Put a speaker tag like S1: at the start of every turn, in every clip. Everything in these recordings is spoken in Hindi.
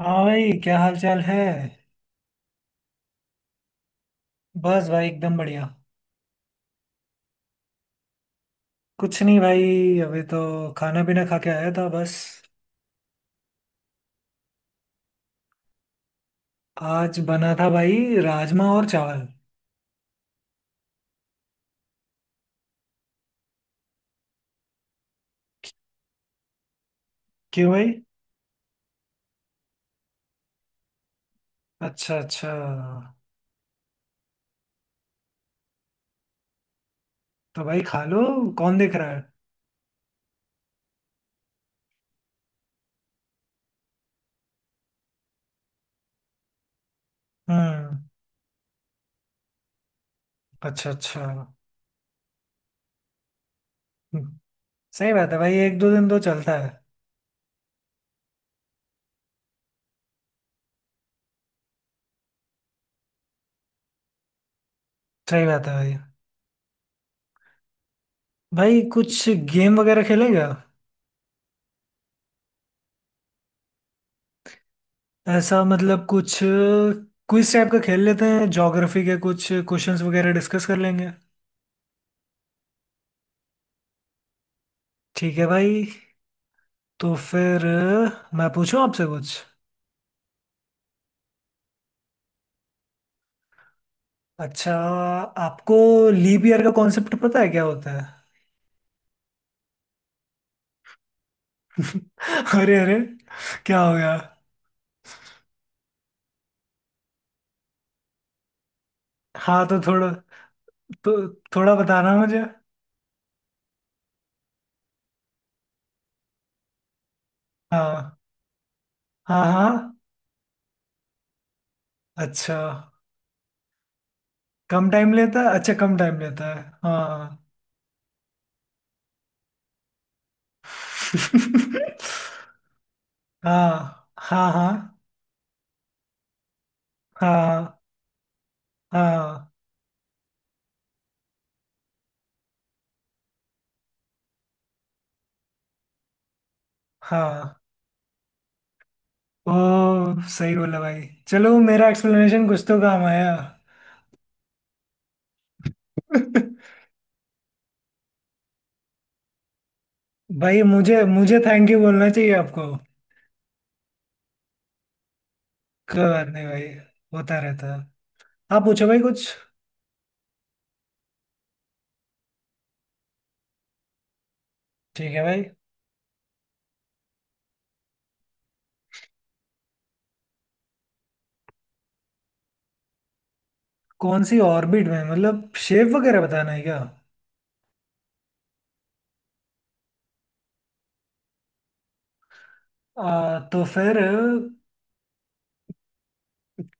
S1: हाँ भाई, क्या हाल चाल है। बस भाई, एकदम बढ़िया। कुछ नहीं भाई, अभी तो खाना पीना खा के आया था बस। आज बना था भाई, राजमा और चावल। क्यों भाई। अच्छा अच्छा। तो भाई खा लो, कौन देख रहा है। हम्म। अच्छा अच्छा। हम्म। सही बात है भाई, एक दो दिन तो चलता है। सही बात है भाई। भाई कुछ गेम वगैरह खेलेगा। ऐसा, मतलब कुछ क्विज टाइप का खेल लेते हैं, ज्योग्राफी के कुछ क्वेश्चंस वगैरह डिस्कस कर लेंगे। ठीक है भाई। तो फिर मैं पूछूं आपसे कुछ। अच्छा। आपको लीप ईयर का कॉन्सेप्ट पता है, क्या होता है। अरे अरे, क्या हो गया। हाँ तो थोड़ा, तो थोड़ा बताना मुझे। हाँ हाँ हाँ। अच्छा, कम टाइम लेता है। अच्छा, कम टाइम लेता है हाँ। हाँ हाँ हाँ हाँ हाँ हाँ। ओ, सही बोला भाई, चलो मेरा एक्सप्लेनेशन कुछ तो काम आया। भाई मुझे मुझे थैंक यू बोलना चाहिए आपको। कोई बात नहीं भाई, होता रहता है। आप पूछो भाई कुछ। ठीक है भाई। कौन सी ऑर्बिट में, मतलब शेप वगैरह बताना है क्या। तो फिर,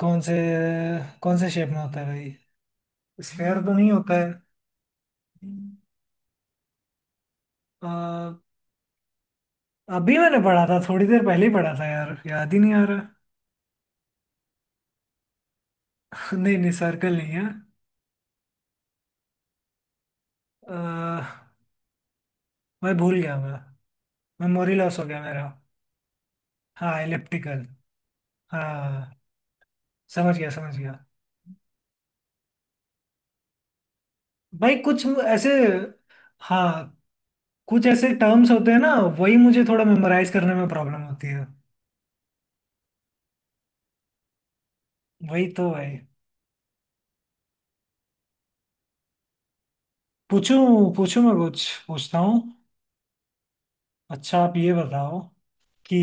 S1: कौन से कौन से शेप में होता है भाई। स्फेयर तो नहीं होता है। आ, अभी मैंने पढ़ा था, थोड़ी देर पहले ही पढ़ा था यार, याद ही नहीं आ रहा। नहीं नहीं, सर्कल नहीं है। आ, मैं भूल गया। मैं मेमोरी लॉस हो गया मेरा। हाँ, इलिप्टिकल। हाँ। समझ गया समझ गया। भाई कुछ ऐसे, हाँ, कुछ ऐसे टर्म्स होते हैं ना, वही मुझे थोड़ा मेमोराइज करने में प्रॉब्लम होती है। वही तो भाई। पूछूं पूछूं, मैं कुछ पूछता हूँ। अच्छा आप ये बताओ कि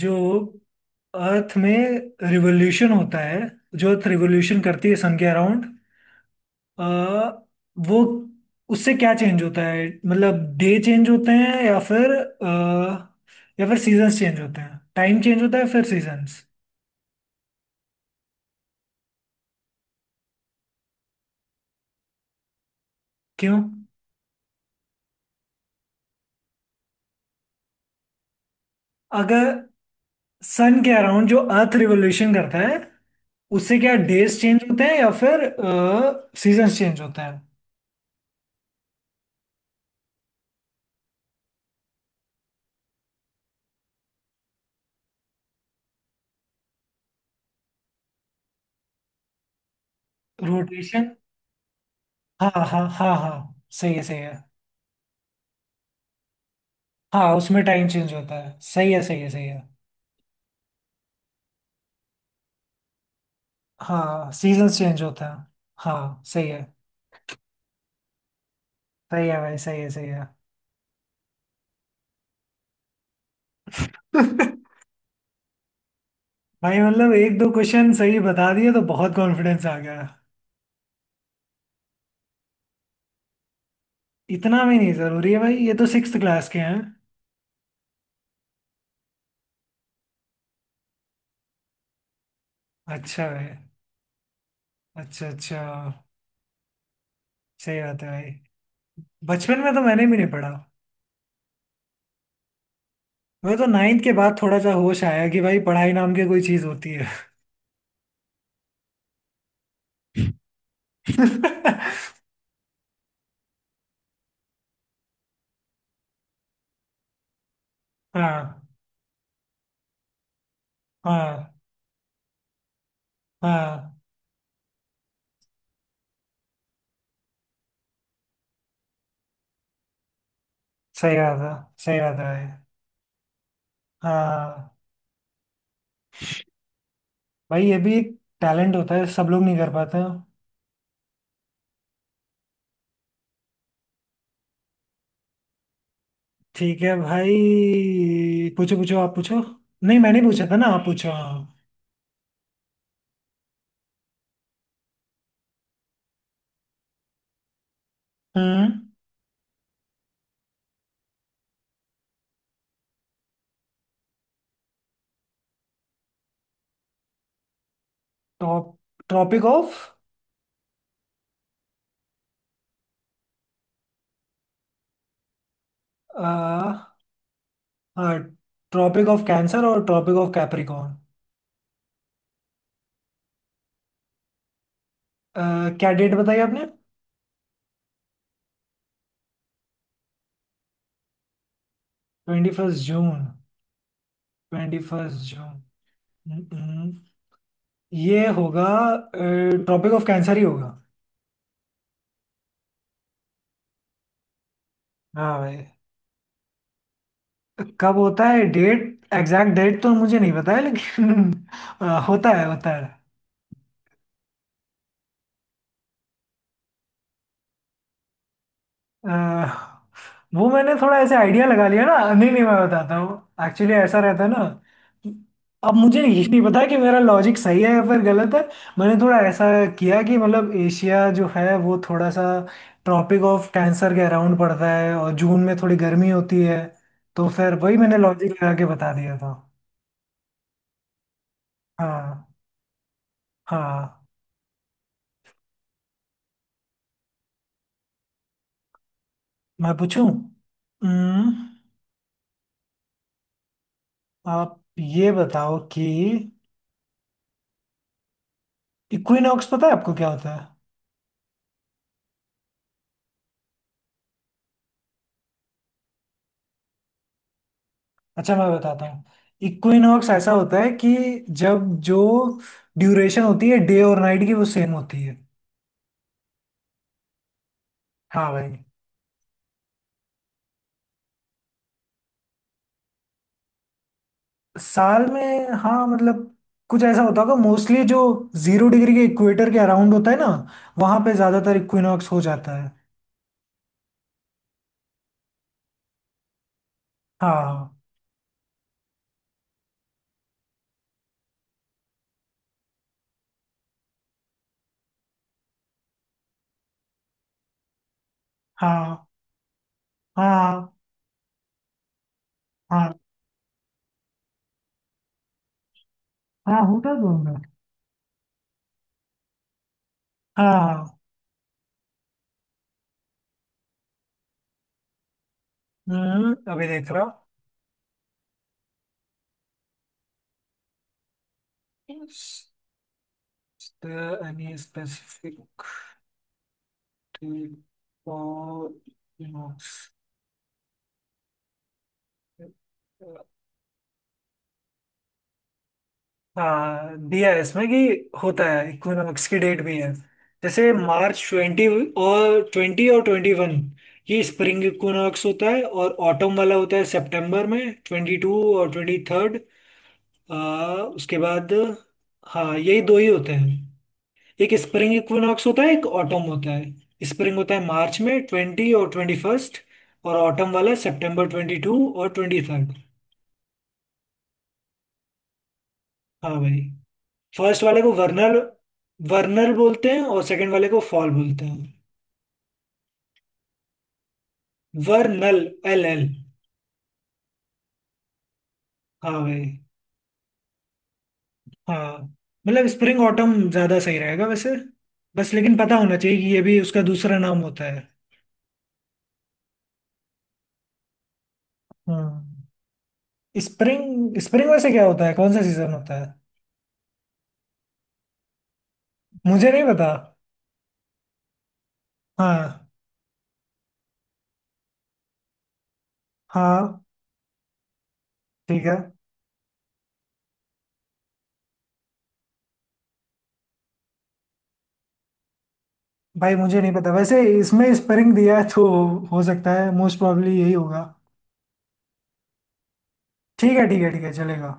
S1: जो अर्थ में रिवोल्यूशन होता है, जो अर्थ रिवोल्यूशन करती है सन के अराउंड, वो, उससे क्या चेंज होता है, मतलब डे चेंज होते हैं या फिर या फिर सीजन्स चेंज होते हैं, टाइम चेंज होता है फिर सीजन्स। क्यों। अगर सन के अराउंड जो अर्थ रिवोल्यूशन करता है, उससे क्या डेज चेंज होते हैं या फिर सीजन चेंज होते हैं। रोटेशन, हाँ हाँ हाँ हाँ, सही है सही है। हाँ, उसमें टाइम चेंज होता है, सही है सही है सही है। हाँ, सीजन चेंज होता है। हाँ, सही है। सही है भाई, सही है सही है। भाई मतलब एक दो क्वेश्चन सही बता दिए तो बहुत कॉन्फिडेंस आ गया। इतना भी नहीं जरूरी है भाई, ये तो 6 क्लास के हैं। अच्छा भाई। अच्छा अच्छा, सही बात है भाई। बचपन में तो मैंने भी नहीं पढ़ा। मैं तो नाइन्थ के बाद थोड़ा सा होश आया कि भाई, पढ़ाई नाम की कोई चीज होती है। हाँ हाँ हाँ। सही बात है। सही बात है भाई। हाँ भाई, ये भी एक टैलेंट होता है, सब लोग नहीं कर पाते। ठीक है भाई, पूछो पूछो, आप पूछो। नहीं मैंने पूछा था ना, आप पूछो हाँ। हम्म। Top, tropic of. हाँ, ट्रॉपिक ऑफ कैंसर और ट्रॉपिक ऑफ कैप्रिकॉर्न। क्या डेट बताई आपने। 21 जून। 21 जून। हम्म, हम्म। ये होगा, ट्रॉपिक ऑफ कैंसर ही होगा। हाँ भाई, कब होता है डेट। एग्जैक्ट डेट तो मुझे नहीं पता है लेकिन होता है होता है। अह, वो मैंने थोड़ा ऐसे आइडिया लगा लिया ना, नहीं नहीं, मैं बताता हूँ, एक्चुअली ऐसा रहता है ना कि, अब मुझे ये नहीं पता कि मेरा लॉजिक सही है या फिर गलत है। मैंने थोड़ा ऐसा किया कि, मतलब एशिया जो है वो थोड़ा सा ट्रॉपिक ऑफ कैंसर के अराउंड पड़ता है, और जून में थोड़ी गर्मी होती है, तो फिर वही मैंने लॉजिक लगा के बता दिया था। हाँ हाँ। मैं पूछूं। हम्म। आप ये बताओ कि इक्विनॉक्स पता है आपको क्या होता है। अच्छा मैं बताता हूँ। इक्विनॉक्स ऐसा होता है कि जब जो ड्यूरेशन होती है डे और नाइट की, वो सेम होती है। हाँ भाई। साल में, हाँ, मतलब कुछ ऐसा होता होगा। मोस्टली जो 0 डिग्री के इक्वेटर के अराउंड होता है ना, वहां पे ज्यादातर इक्विनॉक्स हो जाता है। हाँ। हाँ हाँ हाँ, हाँ होता तो होगा। हाँ हाँ। अभी देख रहा हूँ। Any specific. तो हाँ, दिया है इसमें कि होता है, इक्विनॉक्स की डेट भी है, जैसे मार्च 20 और 21। ये स्प्रिंग इक्विनॉक्स होता है, और ऑटम वाला होता है सितंबर में, 22 और 23। आ, उसके बाद, हाँ यही दो ही होते हैं। एक स्प्रिंग इक्विनॉक्स होता है, एक ऑटम होता है। स्प्रिंग होता है मार्च में 20 और 21, और ऑटम वाला सितंबर 22 और 23। हाँ भाई। फर्स्ट वाले को वर्नल, वर्नल बोलते हैं, और सेकंड वाले को फॉल बोलते हैं। वर्नल, एल एल। हाँ भाई। हाँ मतलब स्प्रिंग ऑटम ज्यादा सही रहेगा वैसे। बस लेकिन पता होना चाहिए कि ये भी उसका दूसरा नाम होता है। हाँ। स्प्रिंग, स्प्रिंग वैसे क्या होता है, कौन सा सीजन होता है। मुझे नहीं पता। हाँ हाँ। ठीक है भाई, मुझे नहीं पता वैसे, इसमें स्प्रिंग दिया है तो हो सकता है मोस्ट प्रॉब्ली यही होगा। ठीक है ठीक है ठीक है चलेगा।